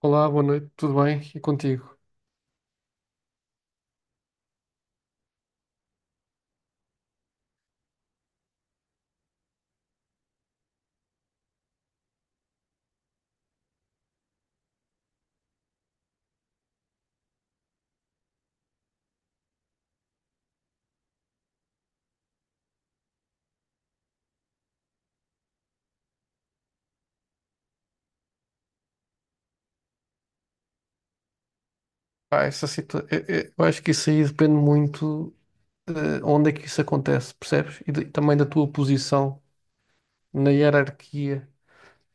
Olá, boa noite, tudo bem? E contigo? Pá, eu acho que isso aí depende muito de onde é que isso acontece, percebes? E, também da tua posição na hierarquia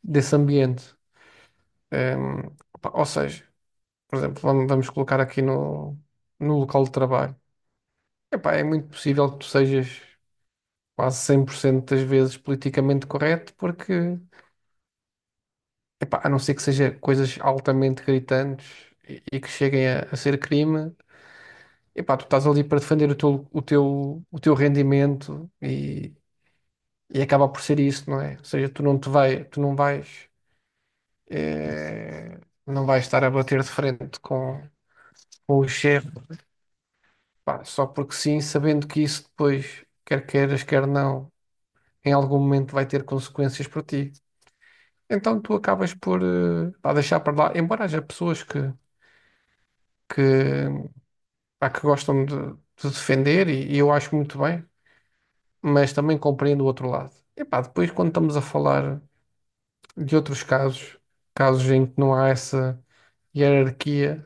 desse ambiente. Ehm, pá, ou seja, por exemplo, vamos colocar aqui no local de trabalho. Epá, é muito possível que tu sejas quase 100% das vezes politicamente correto, porque, epá, a não ser que seja coisas altamente gritantes e que cheguem a ser crime. Epá, tu estás ali para defender o teu rendimento e acaba por ser isso, não é? Ou seja, tu não te vai, tu não vais, eh, não vais estar a bater de frente com o chefe, pá, só porque sim, sabendo que isso depois, quer queiras, quer não, em algum momento vai ter consequências para ti. Então tu acabas por, pá, deixar para lá, embora haja pessoas que, que gostam de defender e eu acho muito bem. Mas também compreendo o outro lado. E pá, depois quando estamos a falar de outros casos, casos em que não há essa hierarquia.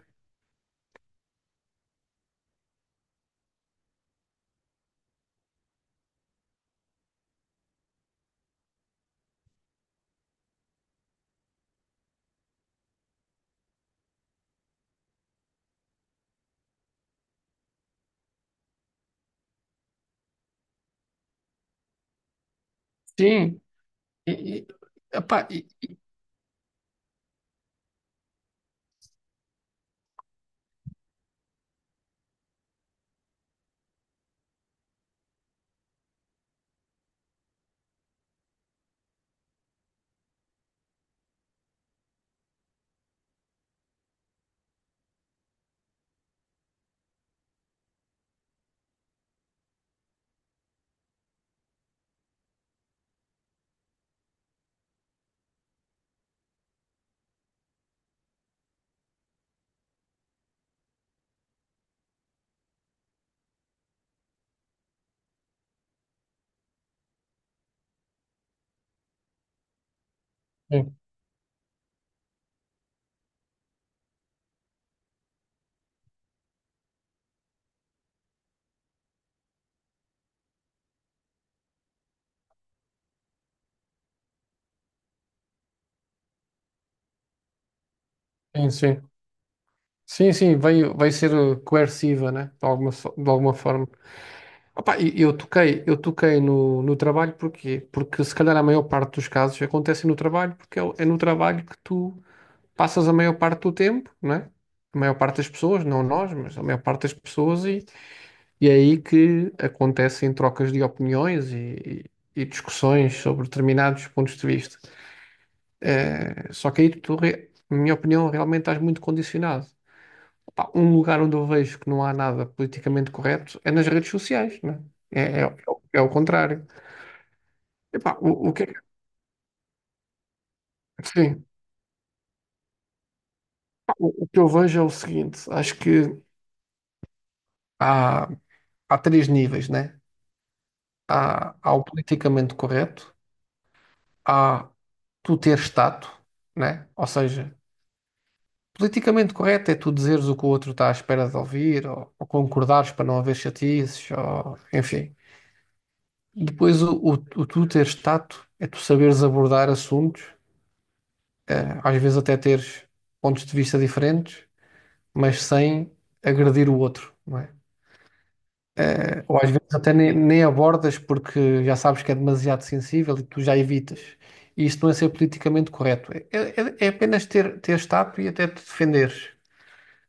Sim, e, e, epá, e- sim, sim, sim, sim, sim, vai ser coerciva, né? De alguma forma. Opá, e eu toquei no trabalho porquê? Porque se calhar a maior parte dos casos acontecem no trabalho, porque é no trabalho que tu passas a maior parte do tempo, né? A maior parte das pessoas, não nós, mas a maior parte das pessoas E é aí que acontecem trocas de opiniões e discussões sobre determinados pontos de vista. Só que aí tu, na minha opinião, realmente estás muito condicionado. Pá, um lugar onde eu vejo que não há nada politicamente correto é nas redes sociais, né? É o contrário. Epá, o que, é que- sim, pá, o que eu vejo é o seguinte: acho que há, há três níveis, né? Há o politicamente correto, há tu ter status, né? Ou seja, politicamente correto é tu dizeres o que o outro está à espera de ouvir, ou concordares para não haver chatices, ou, enfim. Depois, o tu teres tato é tu saberes abordar assuntos, né? Às vezes até teres pontos de vista diferentes, mas sem agredir o outro, não é? Ou às vezes até nem abordas porque já sabes que é demasiado sensível e tu já evitas. E isto não é ser politicamente correto. É apenas teres tato e até te defenderes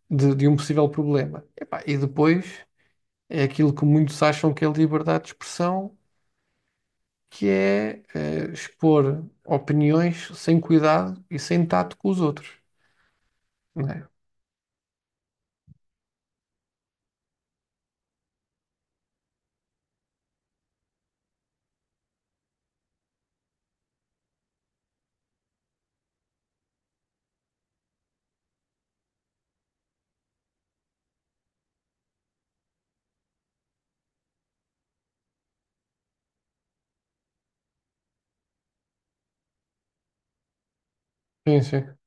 de um possível problema. Epá, e depois é aquilo que muitos acham que é liberdade de expressão, que é, expor opiniões sem cuidado e sem tato com os outros, não é? Sim, sim,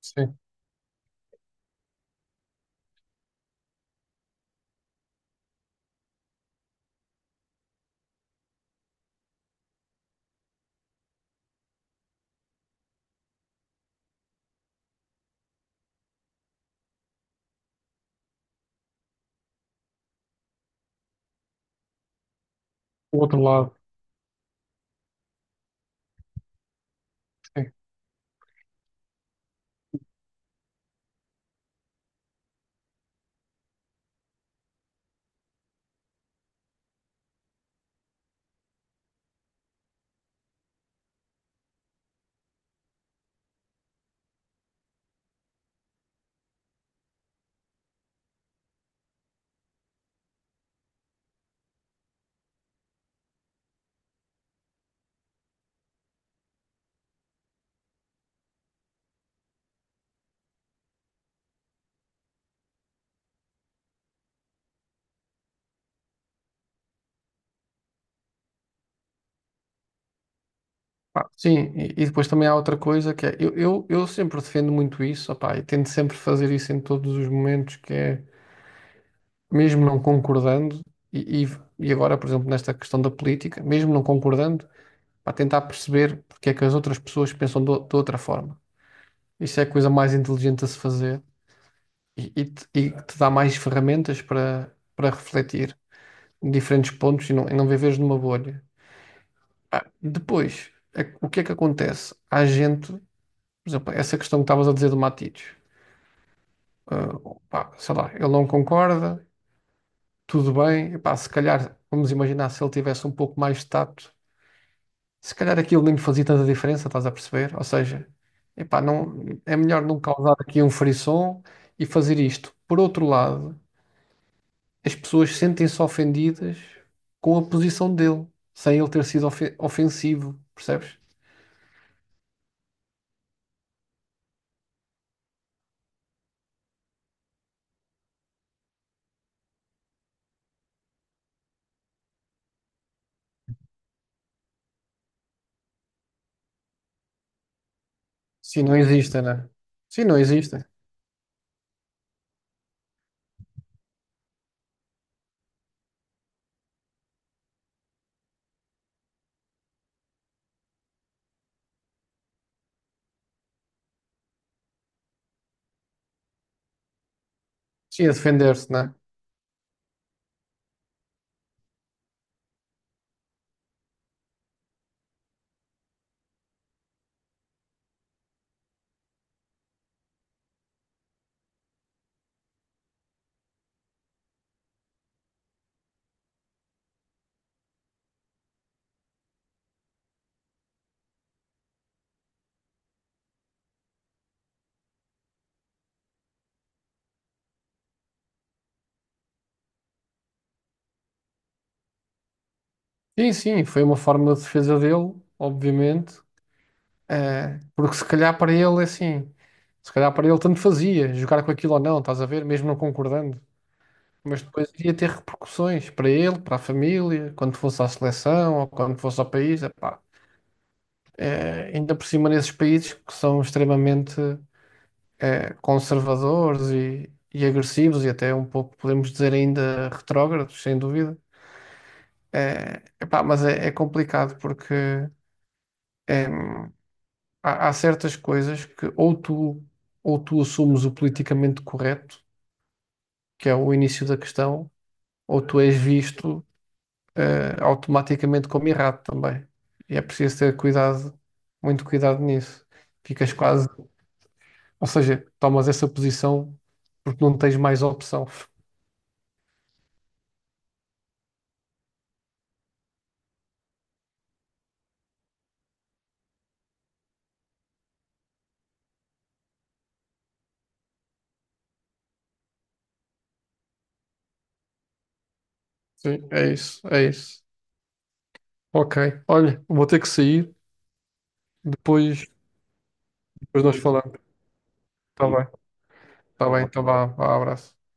sim. O outro lado, sim. Pá, sim, e depois também há outra coisa que é, eu sempre defendo muito isso, opá, e tento sempre fazer isso em todos os momentos, que é, mesmo não concordando, e, e, e agora, por exemplo, nesta questão da política, mesmo não concordando, para tentar perceber porque é que as outras pessoas pensam de outra forma. Isso é a coisa mais inteligente a se fazer e que te dá mais ferramentas para refletir em diferentes pontos e não viveres numa bolha. Pá, depois, o que é que acontece? Há gente, por exemplo, essa questão que estavas a dizer do Matites, ah, pá, sei lá, ele não concorda, tudo bem, pá se calhar, vamos imaginar se ele tivesse um pouco mais de tato, se calhar aquilo nem lhe fazia tanta diferença, estás a perceber? Ou seja, epá, não, é melhor não causar aqui um frisson e fazer isto. Por outro lado, as pessoas sentem-se ofendidas com a posição dele, sem ele ter sido ofensivo, percebes? Sim, não existe, né? Sim, não existe. Sim, a defender-se, né? Sim, sim, foi uma forma de defesa dele, obviamente, porque se calhar para ele é assim, se calhar para ele tanto fazia jogar com aquilo ou não, estás a ver, mesmo não concordando. Mas depois iria ter repercussões para ele, para a família, quando fosse à seleção ou quando fosse ao país. Epá. Ainda por cima nesses países que são extremamente conservadores e agressivos e até um pouco, podemos dizer, ainda retrógrados, sem dúvida. É, epá, mas é complicado porque em, há certas coisas que ou tu assumes o politicamente correto, que é o início da questão, ou tu és visto automaticamente como errado também. E é preciso ter cuidado, muito cuidado nisso. Ficas quase, ou seja, tomas essa posição porque não tens mais opção. Sim, é isso, é isso. Ok. Olha, vou ter que sair. Depois, depois nós falamos. Está bem. Está bem. Então vá. Vá, abraço.